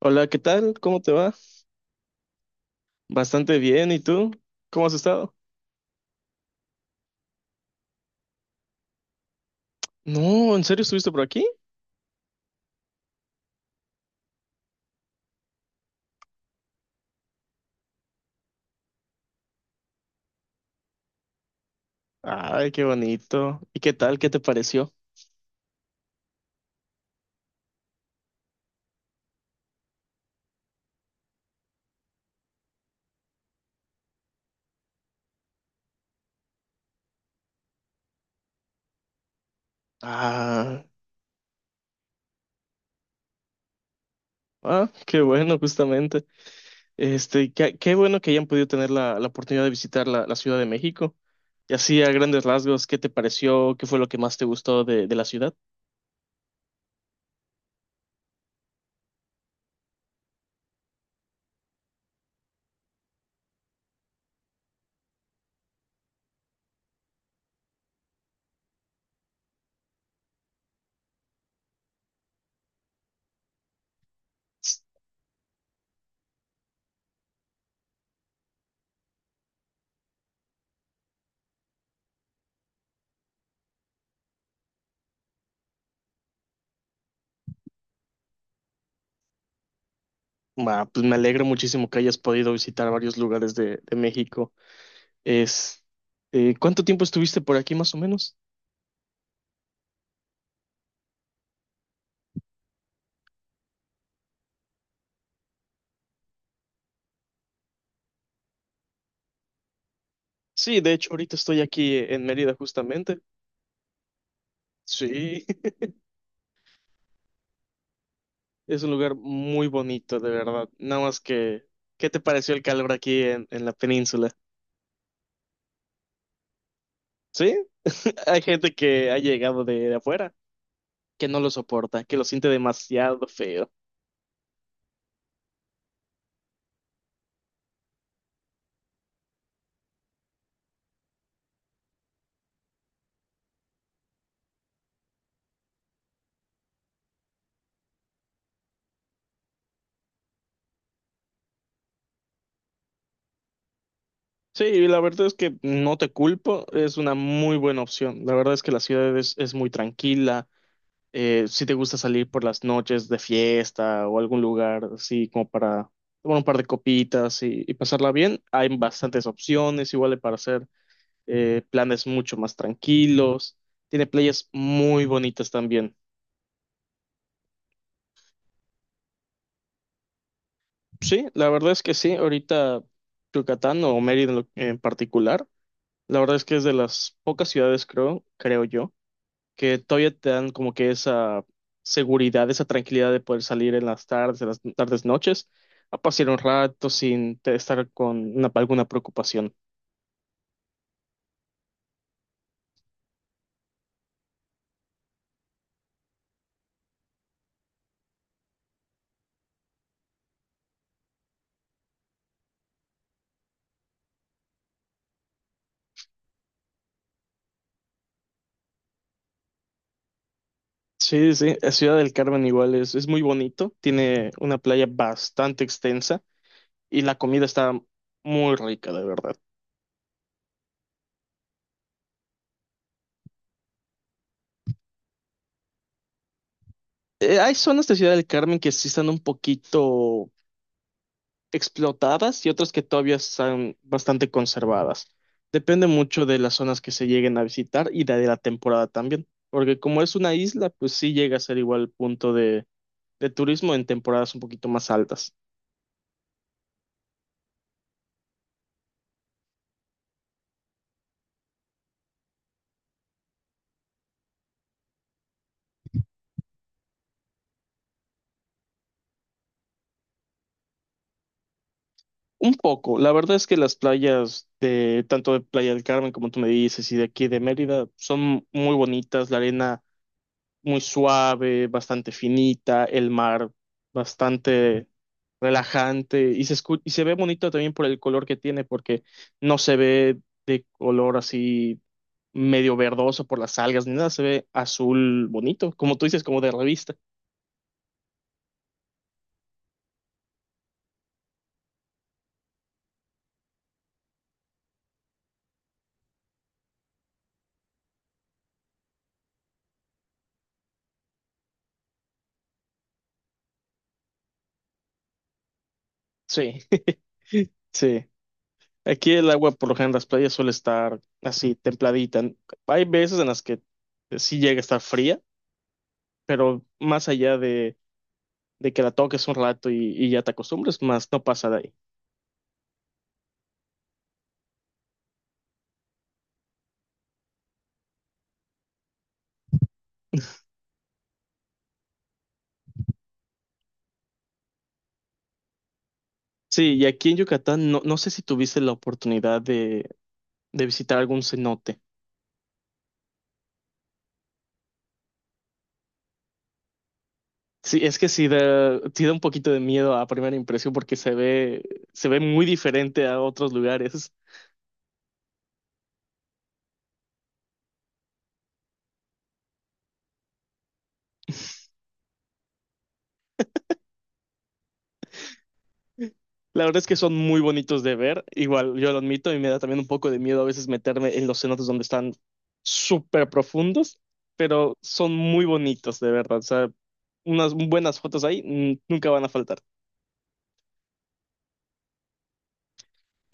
Hola, ¿qué tal? ¿Cómo te va? Bastante bien, ¿y tú? ¿Cómo has estado? No, ¿en serio estuviste por aquí? Ay, qué bonito. ¿Y qué tal? ¿Qué te pareció? Ah, ah, qué bueno, justamente. Este, qué bueno que hayan podido tener la oportunidad de visitar la Ciudad de México. Y así, a grandes rasgos, ¿qué te pareció? ¿Qué fue lo que más te gustó de la ciudad? Ah, pues me alegro muchísimo que hayas podido visitar varios lugares de México. Es, ¿Cuánto tiempo estuviste por aquí más o menos? Sí, de hecho, ahorita estoy aquí en Mérida justamente. Sí, es un lugar muy bonito, de verdad. Nada más que, ¿qué te pareció el calor aquí en la península? Sí, hay gente que ha llegado de afuera que no lo soporta, que lo siente demasiado feo. Sí, y la verdad es que no te culpo, es una muy buena opción. La verdad es que la ciudad es muy tranquila, si te gusta salir por las noches de fiesta o algún lugar así como para tomar un par de copitas y pasarla bien, hay bastantes opciones, igual para hacer planes mucho más tranquilos. Tiene playas muy bonitas también. Sí, la verdad es que sí, ahorita Yucatán o Mérida en, en particular, la verdad es que es de las pocas ciudades, creo yo que todavía te dan como que esa seguridad, esa tranquilidad de poder salir en las tardes, noches, a pasear un rato sin estar con alguna preocupación. Sí, sí, sí, la Ciudad del Carmen igual es muy bonito, tiene una playa bastante extensa y la comida está muy rica, de verdad. Hay zonas de Ciudad del Carmen que sí están un poquito explotadas y otras que todavía están bastante conservadas. Depende mucho de las zonas que se lleguen a visitar y de la temporada también, porque como es una isla, pues sí llega a ser igual punto de turismo en temporadas un poquito más altas. Un poco, la verdad es que las playas de tanto de Playa del Carmen como tú me dices y de aquí de Mérida son muy bonitas, la arena muy suave, bastante finita, el mar bastante relajante y y se ve bonito también por el color que tiene porque no se ve de color así medio verdoso por las algas ni nada, se ve azul bonito, como tú dices, como de revista. Sí, sí. Aquí el agua por lo general en las playas suele estar así templadita. Hay veces en las que sí llega a estar fría, pero más allá de que la toques un rato y ya te acostumbres, más no pasa de ahí. Sí, y aquí en Yucatán no, no sé si tuviste la oportunidad de visitar algún cenote. Sí, es que sí da, sí da un poquito de miedo a primera impresión porque se ve muy diferente a otros lugares. La verdad es que son muy bonitos de ver, igual yo lo admito y me da también un poco de miedo a veces meterme en los cenotes donde están súper profundos, pero son muy bonitos de verdad. O sea, unas buenas fotos ahí nunca van a faltar.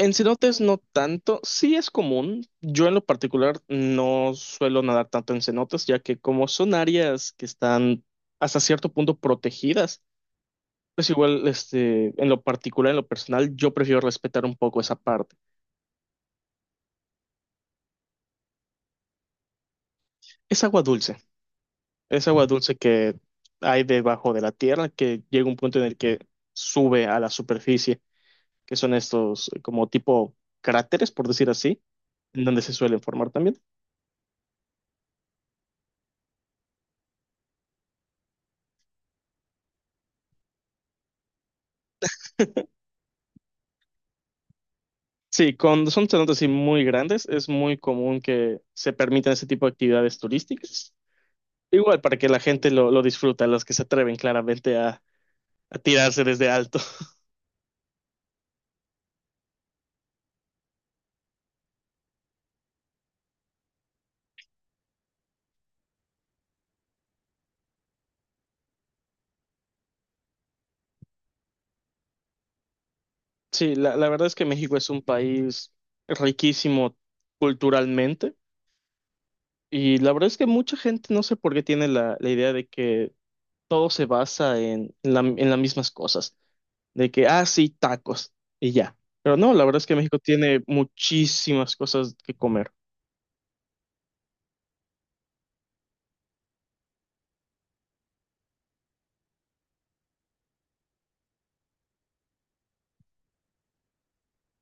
En cenotes no tanto, sí es común. Yo en lo particular no suelo nadar tanto en cenotes, ya que como son áreas que están hasta cierto punto protegidas, pues igual este, en lo particular, en lo personal, yo prefiero respetar un poco esa parte. Es agua dulce, es agua dulce que hay debajo de la tierra, que llega un punto en el que sube a la superficie, que son estos como tipo cráteres, por decir así, en donde se suelen formar también. Sí, cuando son cenotes así muy grandes, es muy común que se permitan ese tipo de actividades turísticas. Igual para que la gente lo disfruta, los que se atreven claramente a tirarse desde alto. Sí, la verdad es que México es un país riquísimo culturalmente y la verdad es que mucha gente no sé por qué tiene la idea de que todo se basa en, en las mismas cosas, de que, ah, sí, tacos y ya. Pero no, la verdad es que México tiene muchísimas cosas que comer.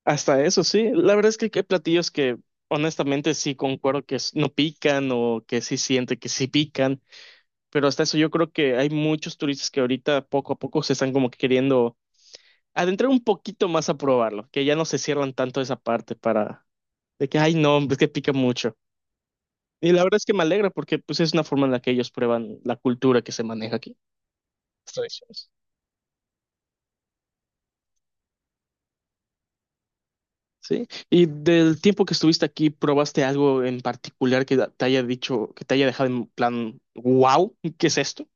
Hasta eso, sí. La verdad es que hay platillos que honestamente sí concuerdo que no pican o que sí siente que sí pican, pero hasta eso yo creo que hay muchos turistas que ahorita poco a poco se están como que queriendo adentrar un poquito más a probarlo, que ya no se cierran tanto esa parte para de que, ay, no, es que pica mucho. Y la verdad es que me alegra porque pues es una forma en la que ellos prueban la cultura que se maneja aquí, las tradiciones. Sí. Y del tiempo que estuviste aquí, ¿probaste algo en particular que te haya dicho, que te haya dejado en plan, wow, ¿qué es esto?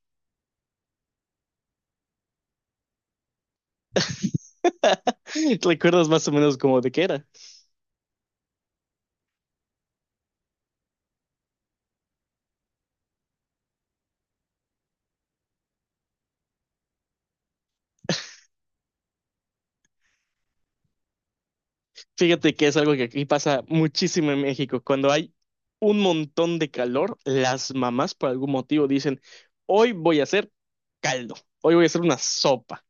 ¿Recuerdas más o menos cómo de qué era? Fíjate que es algo que aquí pasa muchísimo en México. Cuando hay un montón de calor, las mamás por algún motivo dicen, hoy voy a hacer caldo, hoy voy a hacer una sopa.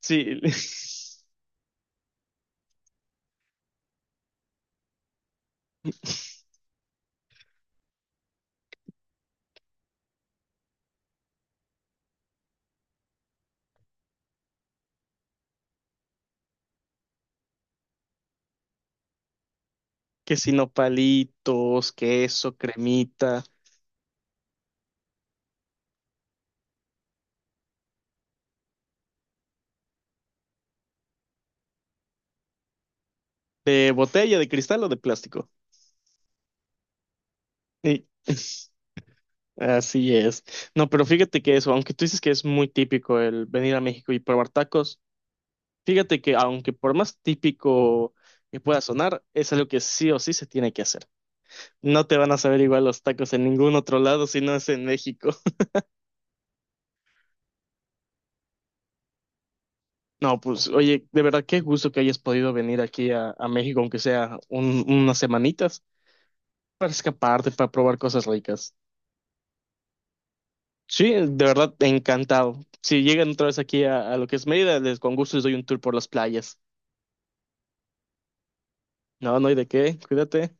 Sí, que si no palitos, queso, cremita, de botella, de cristal o de plástico. Sí. Así es. No, pero fíjate que eso, aunque tú dices que es muy típico el venir a México y probar tacos, fíjate que aunque por más típico que pueda sonar, es algo que sí o sí se tiene que hacer. No te van a saber igual los tacos en ningún otro lado si no es en México. No, pues oye, de verdad qué gusto que hayas podido venir aquí a México, aunque sea unas semanitas, para escaparte, para probar cosas ricas. Sí, de verdad, encantado. Si llegan otra vez aquí a lo que es Mérida, les con gusto les doy un tour por las playas. No, no hay de qué, cuídate.